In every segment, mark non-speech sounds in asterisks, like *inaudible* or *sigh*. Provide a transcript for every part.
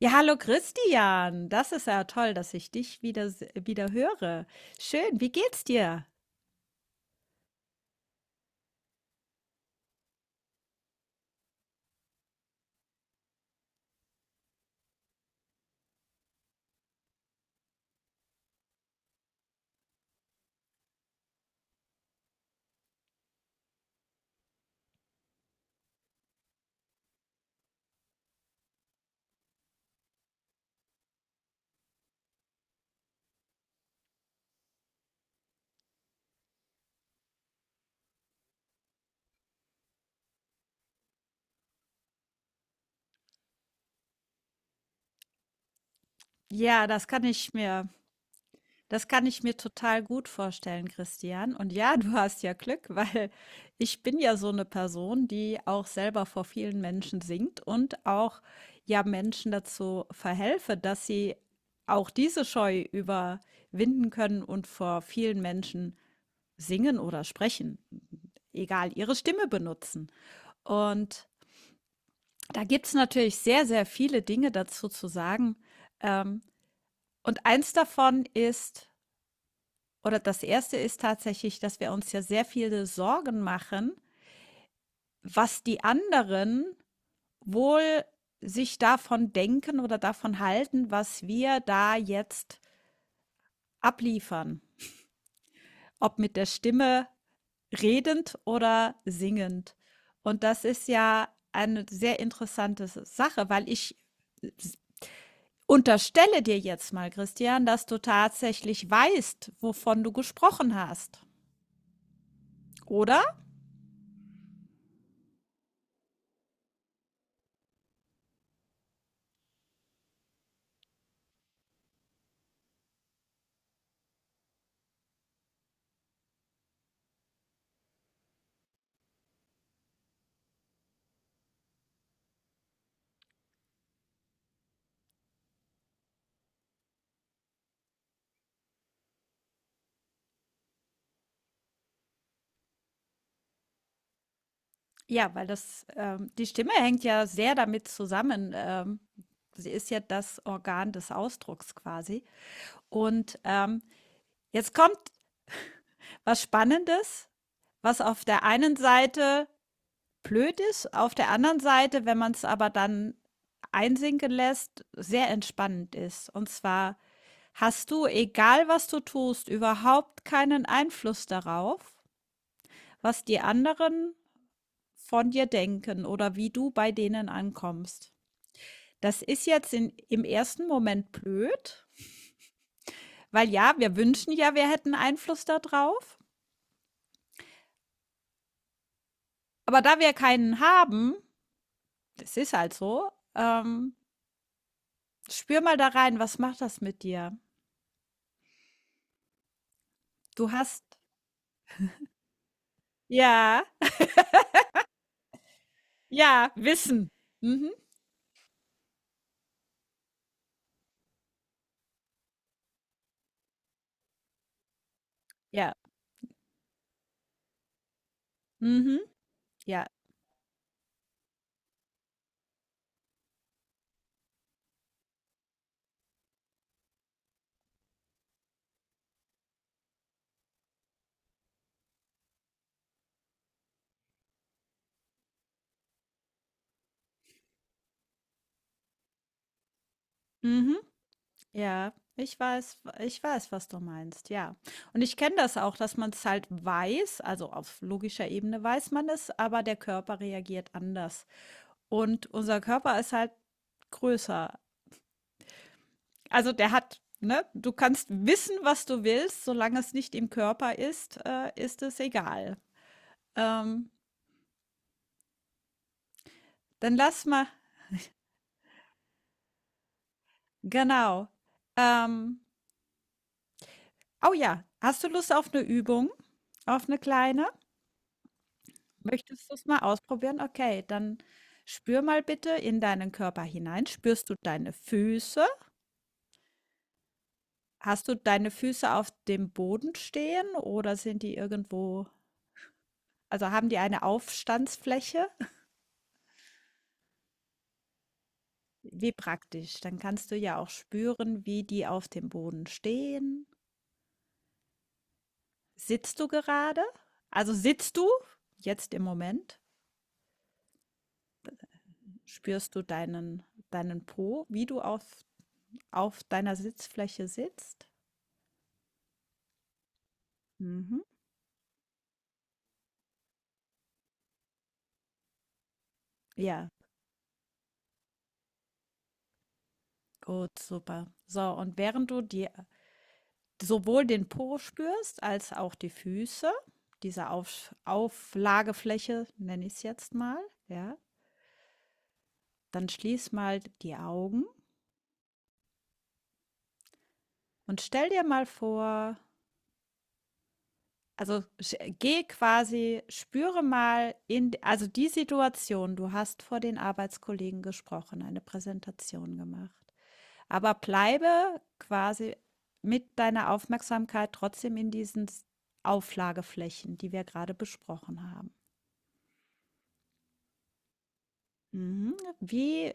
Ja, hallo Christian. Das ist ja toll, dass ich dich wieder höre. Schön, wie geht's dir? Ja, das kann ich mir total gut vorstellen, Christian. Und ja, *laughs* du hast ja Glück, weil ich bin ja so eine Person, die auch selber vor vielen Menschen singt und auch ja Menschen dazu verhelfe, dass sie auch diese Scheu überwinden können und vor vielen Menschen singen oder sprechen, egal ihre Stimme benutzen. Und da gibt's natürlich sehr, sehr viele Dinge dazu zu sagen. Ähm, und eins davon ist oder das erste ist tatsächlich, dass wir uns ja sehr viele Sorgen machen, was die anderen wohl sich davon denken oder davon halten, was wir da jetzt abliefern, ob mit der Stimme redend oder singend. Und das ist ja eine sehr interessante Sache, weil ich unterstelle dir jetzt mal, Christian, dass du tatsächlich weißt, wovon du gesprochen hast. Oder? Ja, weil das, die Stimme hängt ja sehr damit zusammen. Sie ist ja das Organ des Ausdrucks quasi. Und jetzt kommt was Spannendes, was auf der einen Seite blöd ist, auf der anderen Seite, wenn man es aber dann einsinken lässt, sehr entspannend ist. Und zwar hast du, egal was du tust, überhaupt keinen Einfluss darauf, was die anderen von dir denken oder wie du bei denen ankommst? Das ist jetzt im ersten Moment blöd, weil ja, wir wünschen ja, wir hätten Einfluss darauf. Aber da wir keinen haben, das ist halt so. Spür mal da rein, was macht das mit dir? Du hast, ja, ja, Wissen. Mhm, ja, mhm, ja, mhm. Ja, ich weiß, was du meinst, ja. Und ich kenne das auch, dass man es halt weiß, also auf logischer Ebene weiß man es, aber der Körper reagiert anders. Und unser Körper ist halt größer. Also, der hat ne, du kannst wissen, was du willst, solange es nicht im Körper ist, ist es egal. Ähm, Dann lass mal. Genau. Ähm, oh ja, hast du Lust auf eine Übung? Auf eine kleine? Möchtest du es mal ausprobieren? Okay, dann spür mal bitte in deinen Körper hinein. Spürst du deine Füße? Hast du deine Füße auf dem Boden stehen oder sind die irgendwo, also haben die eine Aufstandsfläche? Wie praktisch. Dann kannst du ja auch spüren, wie die auf dem Boden stehen. Sitzt du gerade? Also sitzt du jetzt im Moment? Spürst du deinen Po, wie du auf deiner Sitzfläche sitzt? Mhm. Ja. Gut, super. So, und während du die sowohl den Po spürst als auch die Füße, diese Auflagefläche nenne ich es jetzt mal, ja, dann schließ mal die Augen und stell dir mal vor, also geh quasi, spüre mal in, also die Situation, du hast vor den Arbeitskollegen gesprochen, eine Präsentation gemacht. Aber bleibe quasi mit deiner Aufmerksamkeit trotzdem in diesen S Auflageflächen, die wir gerade besprochen haben. Mhm. Wie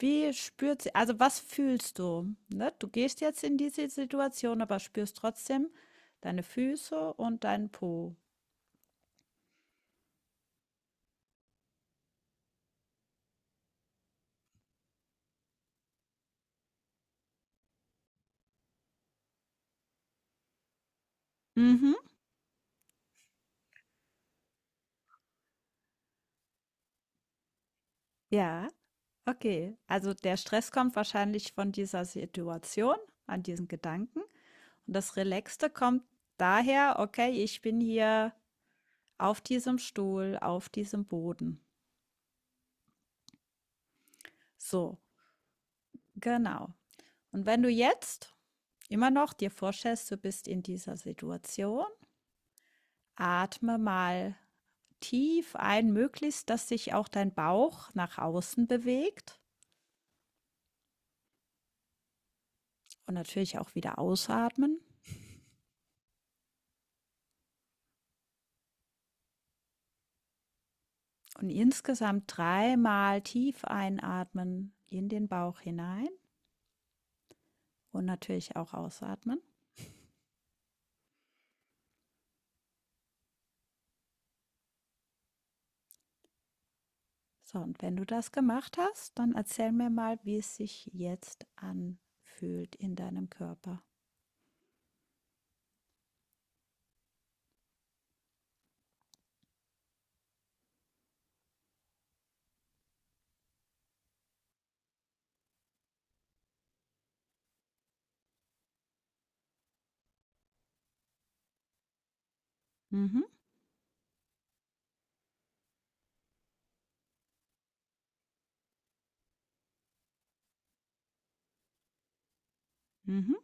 wie spürt sie also, was fühlst du, ne? Du gehst jetzt in diese Situation, aber spürst trotzdem deine Füße und deinen Po. Mhm. Ja, okay. Also, der Stress kommt wahrscheinlich von dieser Situation, an diesen Gedanken, und das Relaxte kommt daher: „Okay, ich bin hier auf diesem Stuhl, auf diesem Boden.“ So, genau. Und wenn du jetzt immer noch dir vorstellst, du bist in dieser Situation, atme mal tief ein, möglichst, dass sich auch dein Bauch nach außen bewegt und natürlich auch wieder ausatmen. Und insgesamt dreimal tief einatmen in den Bauch hinein und natürlich auch ausatmen. So, und wenn du das gemacht hast, dann erzähl mir mal, wie es sich jetzt anfühlt in deinem Körper. Mhm, mhm.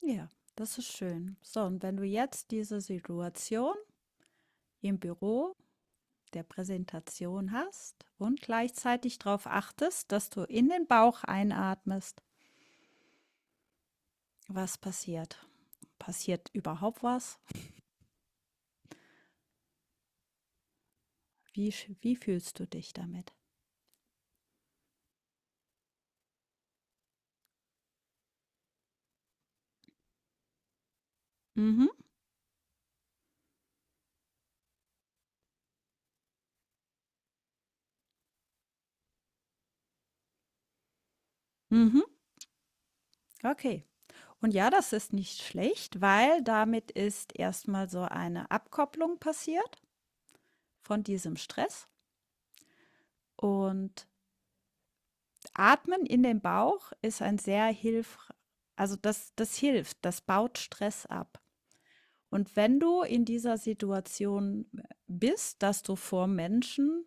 Ja, das ist schön. So, und wenn du jetzt diese Situation im Büro der Präsentation hast und gleichzeitig darauf achtest, dass du in den Bauch einatmest, was passiert? Passiert überhaupt was? Wie, wie fühlst du dich damit? Mhm, mhm. Okay. Und ja, das ist nicht schlecht, weil damit ist erstmal so eine Abkopplung passiert von diesem Stress. Und Atmen in den Bauch ist ein sehr also das hilft, das baut Stress ab. Und wenn du in dieser Situation bist, dass du vor Menschen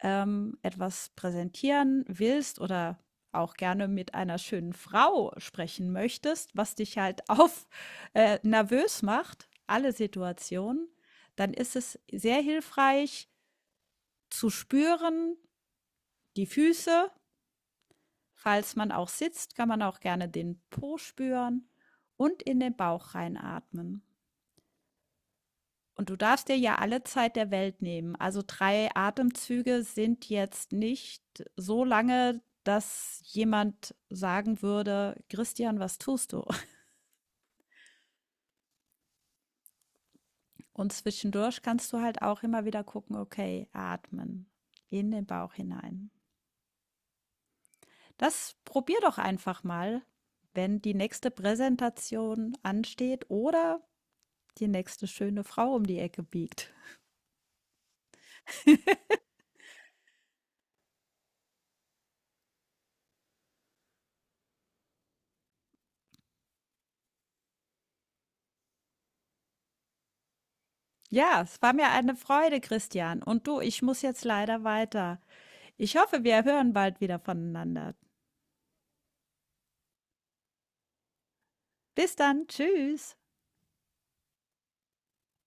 etwas präsentieren willst oder auch gerne mit einer schönen Frau sprechen möchtest, was dich halt *laughs* auf nervös macht, alle Situationen, dann ist es sehr hilfreich zu spüren, die Füße, falls man auch sitzt, kann man auch gerne den Po spüren und in den Bauch reinatmen. Und du darfst dir ja alle Zeit der Welt nehmen. Also 3 Atemzüge sind jetzt nicht so lange, dass jemand sagen würde: „Christian, was tust du?“ Und zwischendurch kannst du halt auch immer wieder gucken: „Okay, atmen in den Bauch hinein.“ Das probier doch einfach mal, wenn die nächste Präsentation ansteht oder die nächste schöne Frau um die Ecke biegt. Ja, es war mir eine Freude, Christian. Und du, ich muss jetzt leider weiter. Ich hoffe, wir hören bald wieder voneinander. Bis dann, tschüss.